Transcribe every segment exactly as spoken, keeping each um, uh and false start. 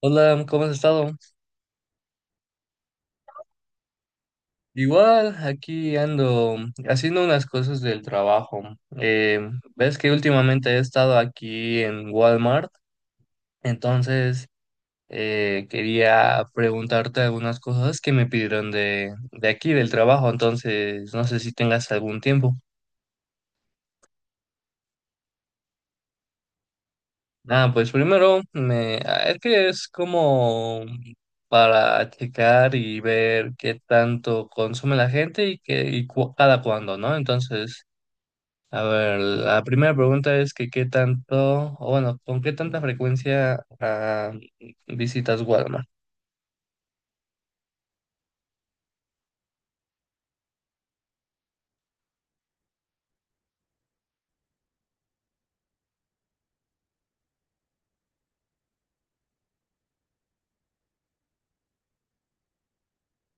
Hola, ¿cómo has estado? Igual, aquí ando haciendo unas cosas del trabajo. Eh, Ves que últimamente he estado aquí en Walmart, entonces eh, quería preguntarte algunas cosas que me pidieron de, de aquí, del trabajo. Entonces no sé si tengas algún tiempo. Ah, pues primero, me, ah, es que es como para checar y ver qué tanto consume la gente, y, qué, y cu- cada cuándo, ¿no? Entonces, a ver, la primera pregunta es que qué tanto, o bueno, ¿con qué tanta frecuencia ah, visitas Walmart?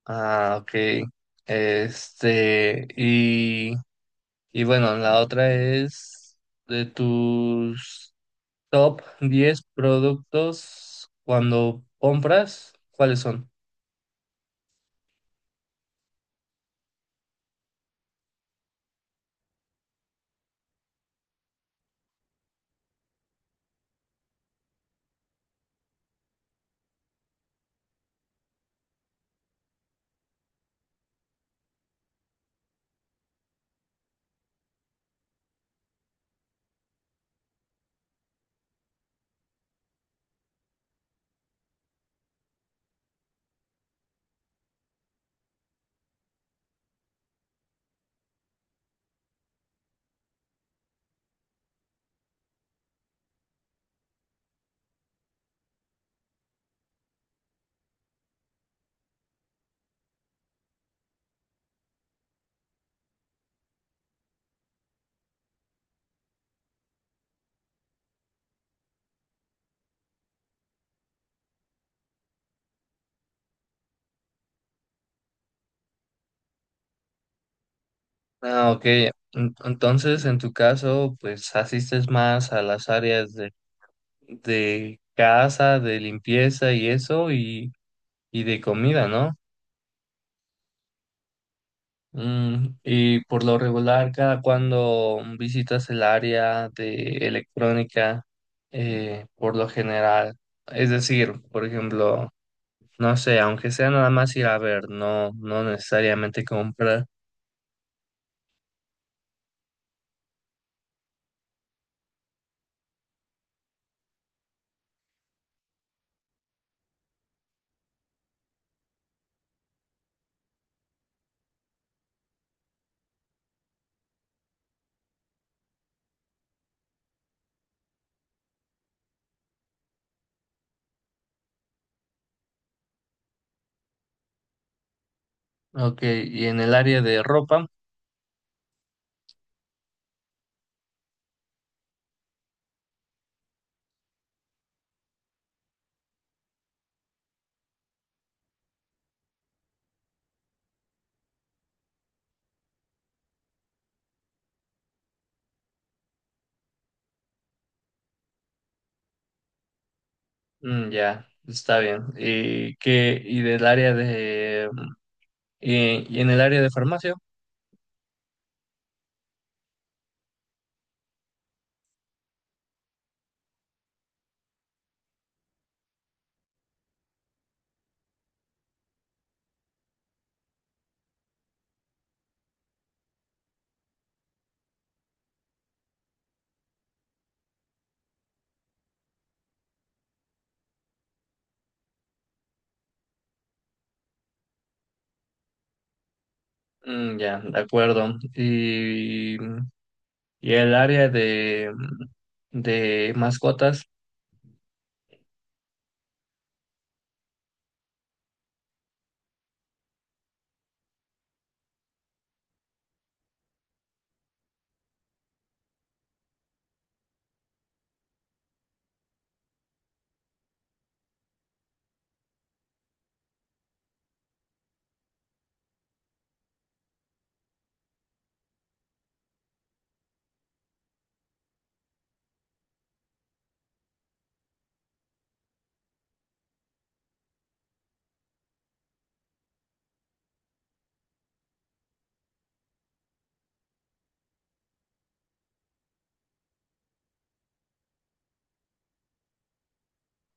Ah, ok. Este, y, y bueno, la otra es de tus top diez productos cuando compras, ¿cuáles son? Ah, ok. En- Entonces, en tu caso, pues asistes más a las áreas de, de casa, de limpieza y eso, y... y de comida, ¿no? Mm, y por lo regular, ¿cada cuando visitas el área de electrónica, eh, por lo general? Es decir, por ejemplo, no sé, aunque sea nada más ir a ver, no, no necesariamente comprar. Ok. ¿Y en el área de ropa? Mm, ya, está bien. ¿Y qué? ¿Y del área de mm, y, y en el área de farmacia? Mm, ya, de acuerdo. ¿Y Y el área de mm, de mascotas?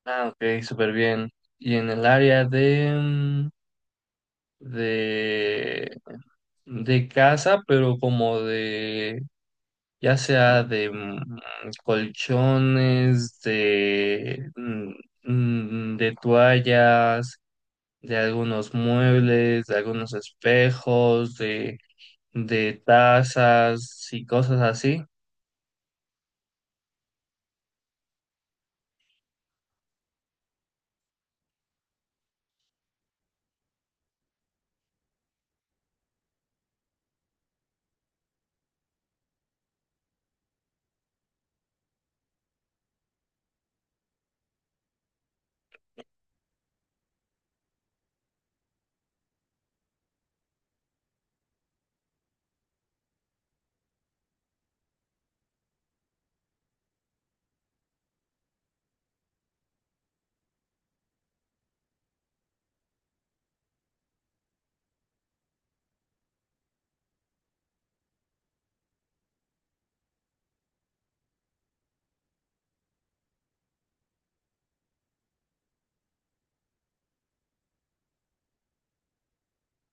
Ah, ok, súper bien. ¿Y en el área de mm, de, de casa, pero como de, ya sea de mm, colchones, de mm, mm, de toallas, de algunos muebles, de algunos espejos, de, de tazas y cosas así?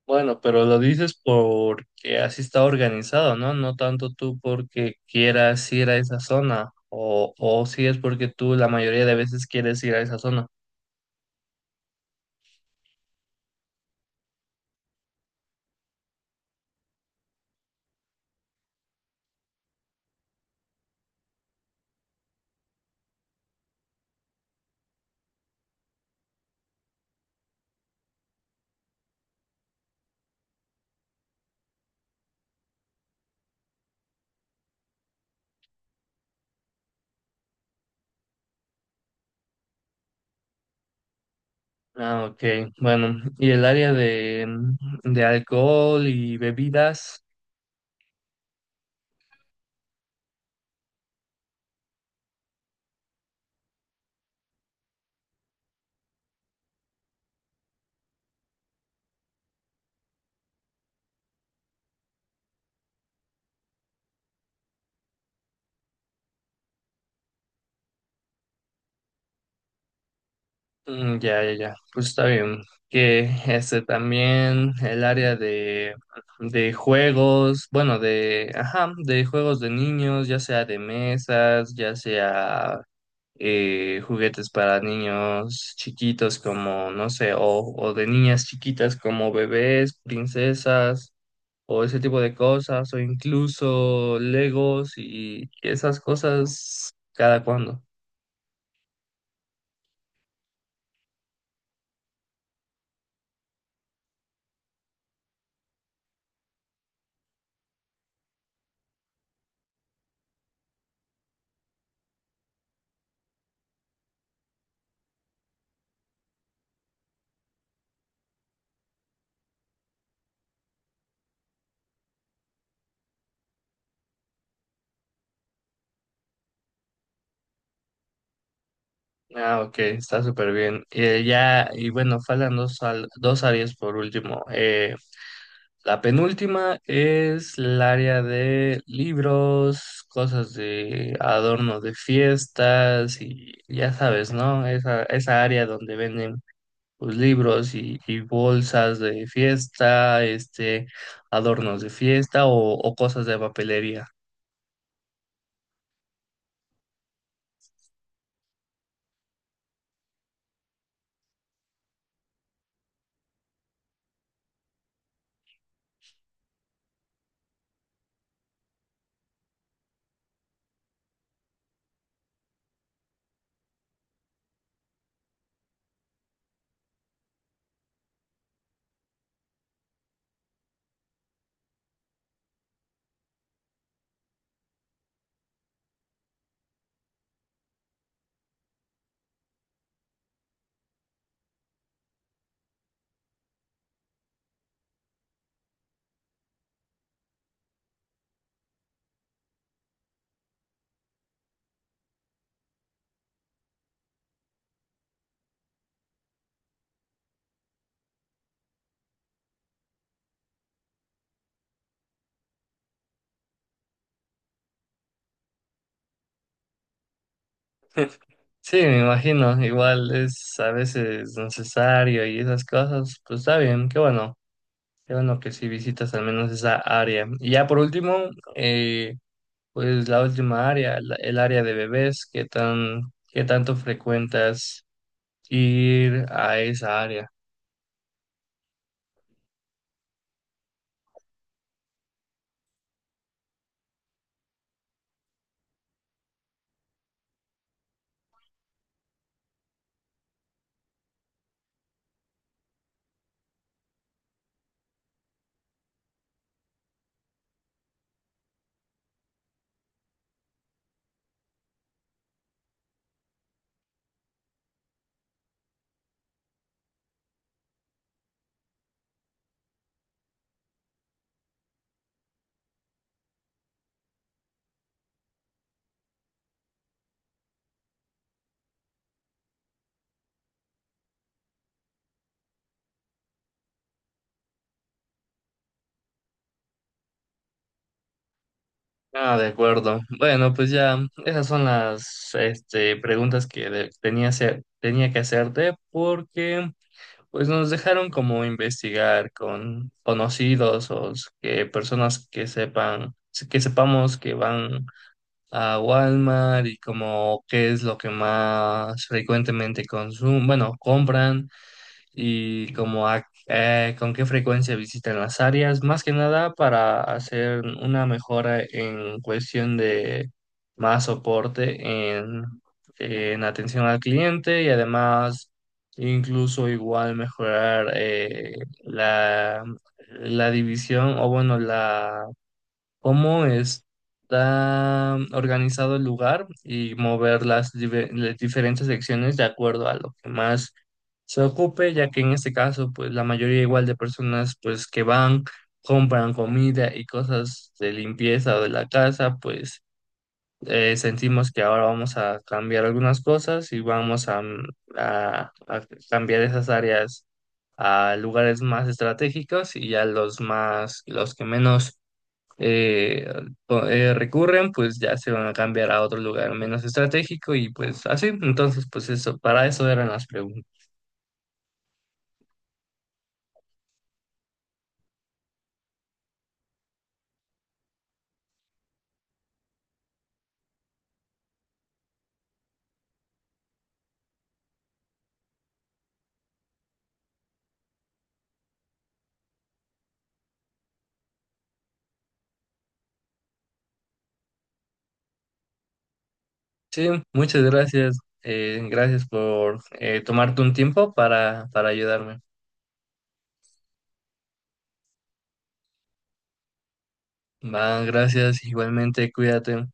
Bueno, pero lo dices porque así está organizado, ¿no? No tanto tú porque quieras ir a esa zona, o, o si es porque tú la mayoría de veces quieres ir a esa zona. Ah, ok. Bueno, ¿y el área de mm, de alcohol y bebidas? Mm, ya, ya, ya, pues está bien. Que este también el área de de juegos, bueno, de, ajá, de juegos de niños, ya sea de mesas, ya sea eh, juguetes para niños chiquitos como, no sé, o, o de niñas chiquitas como bebés, princesas, o ese tipo de cosas, o incluso Legos y esas cosas cada cuando. Ah, ok, está súper bien. Eh, ya, y bueno, faltan dos, al- dos áreas por último. Eh, La penúltima es el área de libros, cosas de adorno de fiestas y ya sabes, ¿no? Esa, esa área donde venden pues libros y, y bolsas de fiesta, este, adornos de fiesta, o, o cosas de papelería. Sí, me imagino, igual es a veces necesario y esas cosas, pues está bien. Qué bueno, qué bueno que sí visitas al menos esa área. Y ya por último, eh, pues la última área, la- el área de bebés, ¿qué tan, qué tanto frecuentas ir a esa área? Ah, de acuerdo. Bueno, pues ya esas son las este, preguntas que de- tenía, hacer- tenía que hacerte, porque pues nos dejaron como investigar con conocidos o s- que personas que sepan, que sepamos, que van a Walmart, y como qué es lo que más frecuentemente consumen, bueno, compran, y como a- eh, con qué frecuencia visitan las áreas, más que nada para hacer una mejora en cuestión de más soporte en, en atención al cliente, y además incluso igual mejorar eh, la, la división, o bueno, la cómo está organizado el lugar, y mover las, dive- las diferentes secciones de acuerdo a lo que más se ocupe, ya que en este caso, pues la mayoría igual de personas, pues que van, compran comida y cosas de limpieza o de la casa. Pues eh, sentimos que ahora vamos a cambiar algunas cosas, y vamos a, mm, a- a cambiar esas áreas a lugares más estratégicos, y ya los más, los que menos eh, co- eh, recurren, pues ya se van a cambiar a otro lugar menos estratégico y pues así. Entonces, pues eso, para eso eran las preguntas. Sí, muchas gracias. Eh, gracias por eh, tomarte un tiempo para, para ayudarme. Va, gracias. Igualmente, cuídate.